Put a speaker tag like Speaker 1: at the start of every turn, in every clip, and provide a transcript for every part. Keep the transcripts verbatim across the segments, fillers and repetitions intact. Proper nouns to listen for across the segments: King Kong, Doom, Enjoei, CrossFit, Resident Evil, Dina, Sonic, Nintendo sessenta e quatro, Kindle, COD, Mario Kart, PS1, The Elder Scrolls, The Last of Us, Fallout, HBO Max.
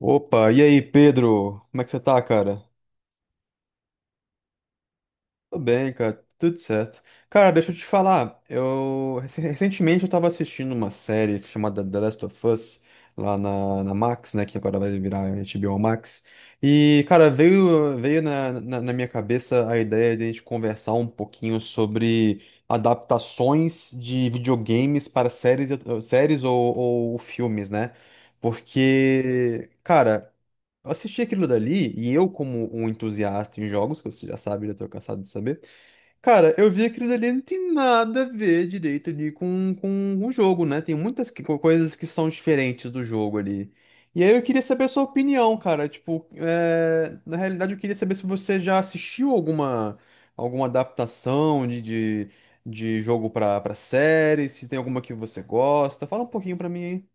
Speaker 1: Opa, e aí, Pedro? Como é que você tá, cara? Tô bem, cara, tudo certo. Cara, deixa eu te falar, eu rec- recentemente eu tava assistindo uma série chamada The Last of Us lá na, na Max, né, que agora vai virar H B O Max. E, cara, veio veio na, na, na minha cabeça a ideia de a gente conversar um pouquinho sobre adaptações de videogames para séries, e- séries ou, ou filmes, né? Porque, cara, eu assisti aquilo dali e eu, como um entusiasta em jogos, que você já sabe, já tô cansado de saber, cara, eu vi aquilo dali não tem nada a ver direito ali com, com o jogo, né? Tem muitas que- coisas que são diferentes do jogo ali. E aí eu queria saber a sua opinião, cara. Tipo, é, na realidade eu queria saber se você já assistiu alguma, alguma adaptação de, de, de jogo pra, pra série, se tem alguma que você gosta. Fala um pouquinho pra mim aí.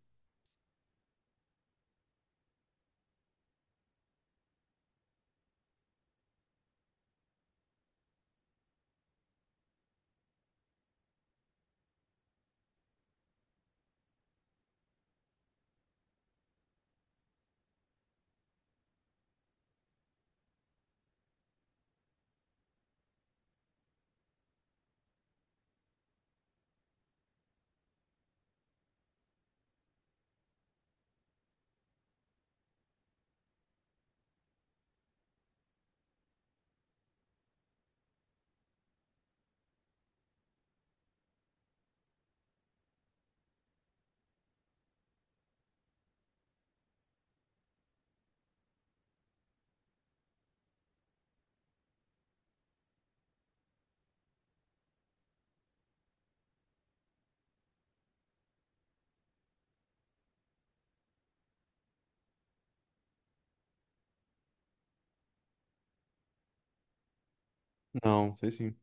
Speaker 1: Não, sei sim.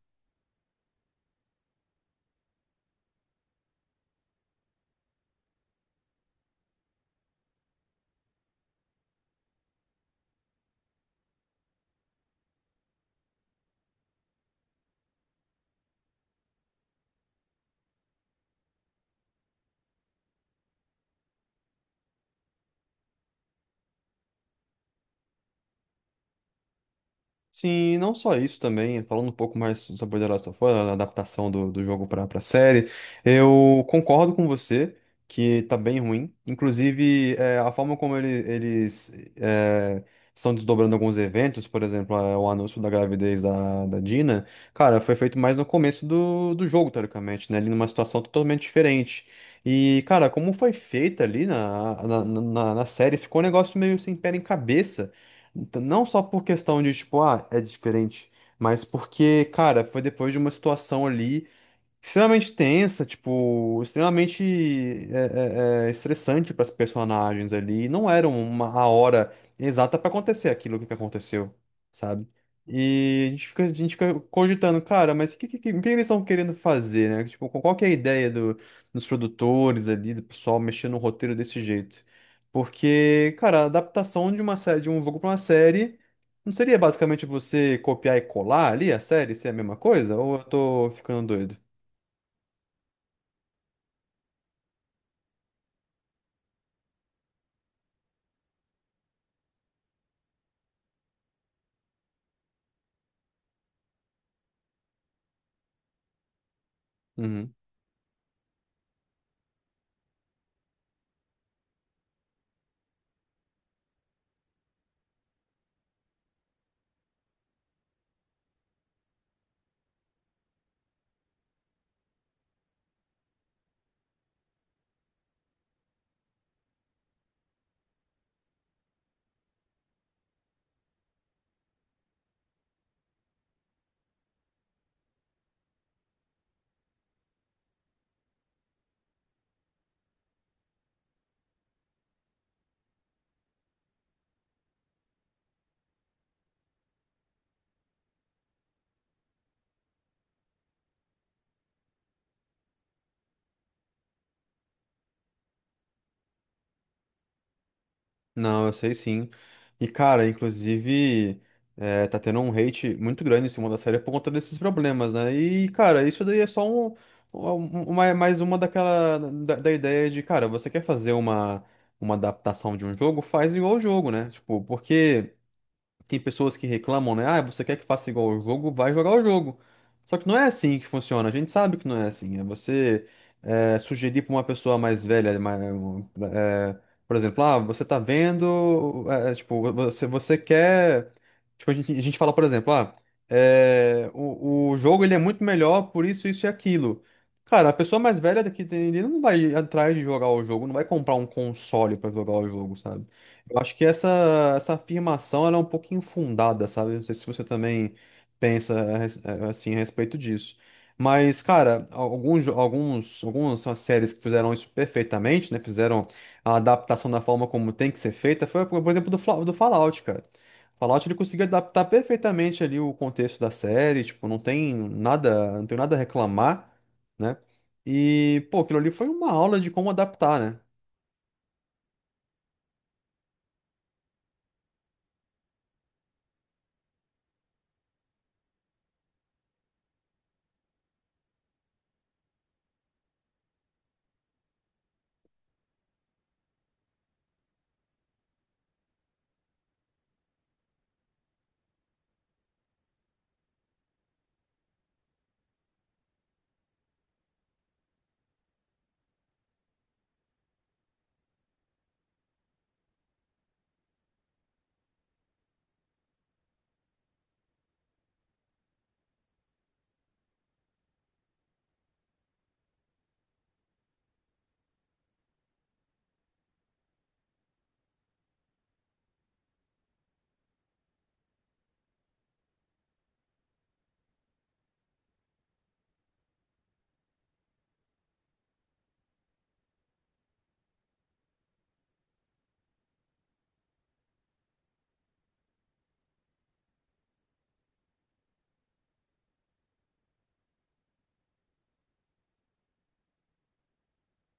Speaker 1: Sim, e não só isso também, falando um pouco mais sobre The Last of Us, a adaptação do, do jogo para a série, eu concordo com você que tá bem ruim. Inclusive, é, a forma como ele- eles é, estão desdobrando alguns eventos, por exemplo, é, o anúncio da gravidez da, da Dina, cara, foi feito mais no começo do, do jogo, teoricamente, né? Ali numa situação totalmente diferente. E, cara, como foi feita ali na, na, na na série, ficou um negócio meio sem pé nem cabeça. Então, não só por questão de, tipo, ah, é diferente, mas porque, cara, foi depois de uma situação ali extremamente tensa, tipo, extremamente é, é, é, estressante para as personagens ali. Não era uma a hora exata para acontecer aquilo que aconteceu, sabe? E a gente fica, a gente fica cogitando, cara, mas o que, que, que- o que eles estão querendo fazer, né? Tipo, qual que é a ideia do, dos produtores ali, do pessoal mexendo no roteiro desse jeito? Porque, cara, a adaptação de uma série, de um jogo para uma série, não seria basicamente você copiar e colar ali a série, se é a mesma coisa? Ou eu tô ficando doido? Uhum. Não, eu sei sim. E, cara, inclusive, é, tá tendo um hate muito grande em cima da série por conta desses problemas, né? E, cara, isso daí é só um, um- um, uma, mais uma daquela, da, da ideia de, cara, você quer fazer uma, uma adaptação de um jogo? Faz igual o jogo, né? Tipo, porque. Tem pessoas que reclamam, né? Ah, você quer que faça igual o jogo? Vai jogar o jogo. Só que não é assim que funciona. A gente sabe que não é assim. É você é, sugerir para uma pessoa mais velha, mais, é, por exemplo, ah, você tá vendo, é, é, tipo, você, você quer. Tipo, a gente, a gente fala, por exemplo, ah, é, o, o jogo ele é muito melhor por isso, isso e aquilo. Cara, a pessoa mais velha daqui tem- ele não vai atrás de jogar o jogo, não vai comprar um console para jogar o jogo, sabe? Eu acho que essa, essa afirmação ela é um pouco infundada, sabe? Não sei se você também pensa a res- eh, assim a respeito disso. Mas, cara, alguns, jo- alguns, algumas são as séries que fizeram isso perfeitamente, né? Fizeram a adaptação da forma como tem que ser feita. Foi, por exemplo, do, Fla- do Fallout, cara. Fallout ele conseguiu adaptar perfeitamente ali o contexto da série, tipo, não tem nada, não tem nada a reclamar, né? E, pô, aquilo ali foi uma aula de como adaptar, né?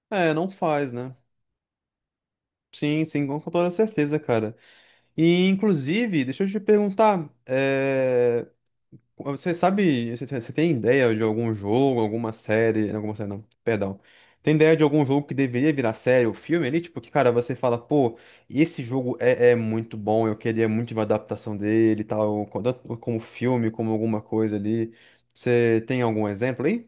Speaker 1: É, não faz, né? Sim, sim, com com toda certeza, cara. E, inclusive, deixa eu te perguntar, é, você sabe, você você tem ideia de algum jogo, alguma série, alguma série não, perdão, tem ideia de algum jogo que deveria virar série ou filme ali? Tipo, que, cara, você fala, pô, esse jogo é, é muito bom, eu queria muito uma adaptação dele e tal, co- tanto como filme, como alguma coisa ali. Você tem algum exemplo aí?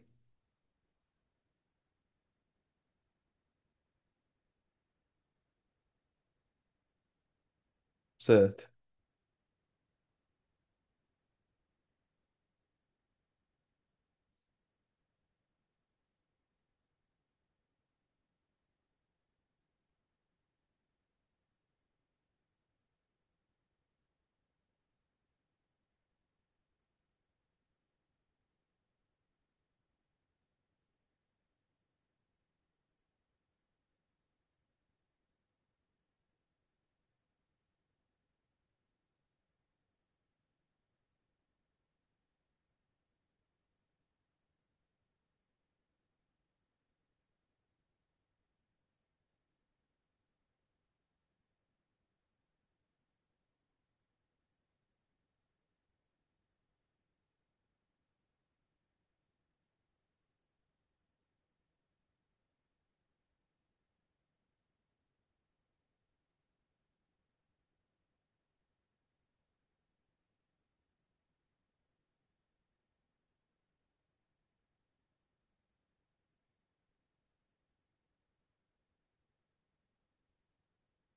Speaker 1: Certo.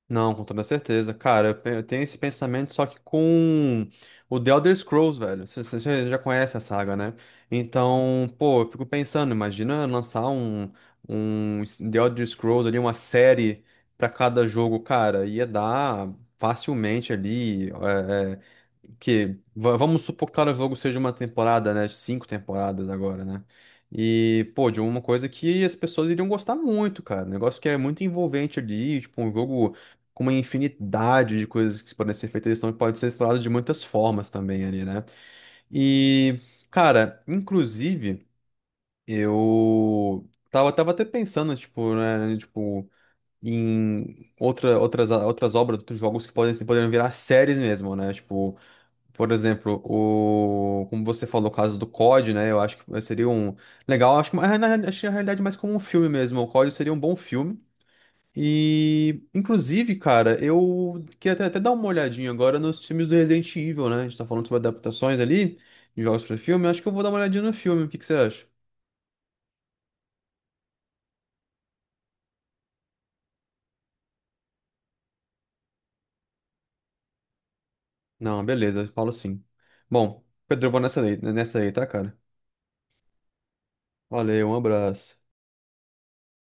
Speaker 1: Não, com toda certeza. Cara, eu pe- eu tenho esse pensamento só que com o The Elder Scrolls, velho. Você você já já conhece a saga, né? Então, pô, eu fico pensando, imagina lançar um, um s- The Elder Scrolls ali, uma série pra cada jogo, cara. Ia dar facilmente ali, é, é, que va- vamos supor que cada jogo seja uma temporada, né? Cinco temporadas agora, né? E, pô, de uma coisa que as pessoas iriam gostar muito, cara. Um negócio que é muito envolvente ali, tipo, um jogo com uma infinidade de coisas que podem ser feitas, eles estão, pode ser explorado de muitas formas também ali, né? E, cara, inclusive, eu tava, tava até pensando, tipo, né, tipo, em outra, outras, outras obras, outros jogos que podem, poderiam virar séries mesmo, né? Tipo, por exemplo, o, como você falou, o caso do C O D, né? Eu acho que seria um legal, acho que mas na- acho que na realidade mais como um filme mesmo. O C O D seria um bom filme. E, inclusive, cara, eu queria até, até dar uma olhadinha agora nos filmes do Resident Evil, né? A gente tá falando sobre adaptações ali, de jogos pra filme. Acho que eu vou dar uma olhadinha no filme. O que que você acha? Não, beleza, falo sim. Bom, Pedro, eu vou nessa aí, nessa aí, tá, cara? Valeu, um abraço.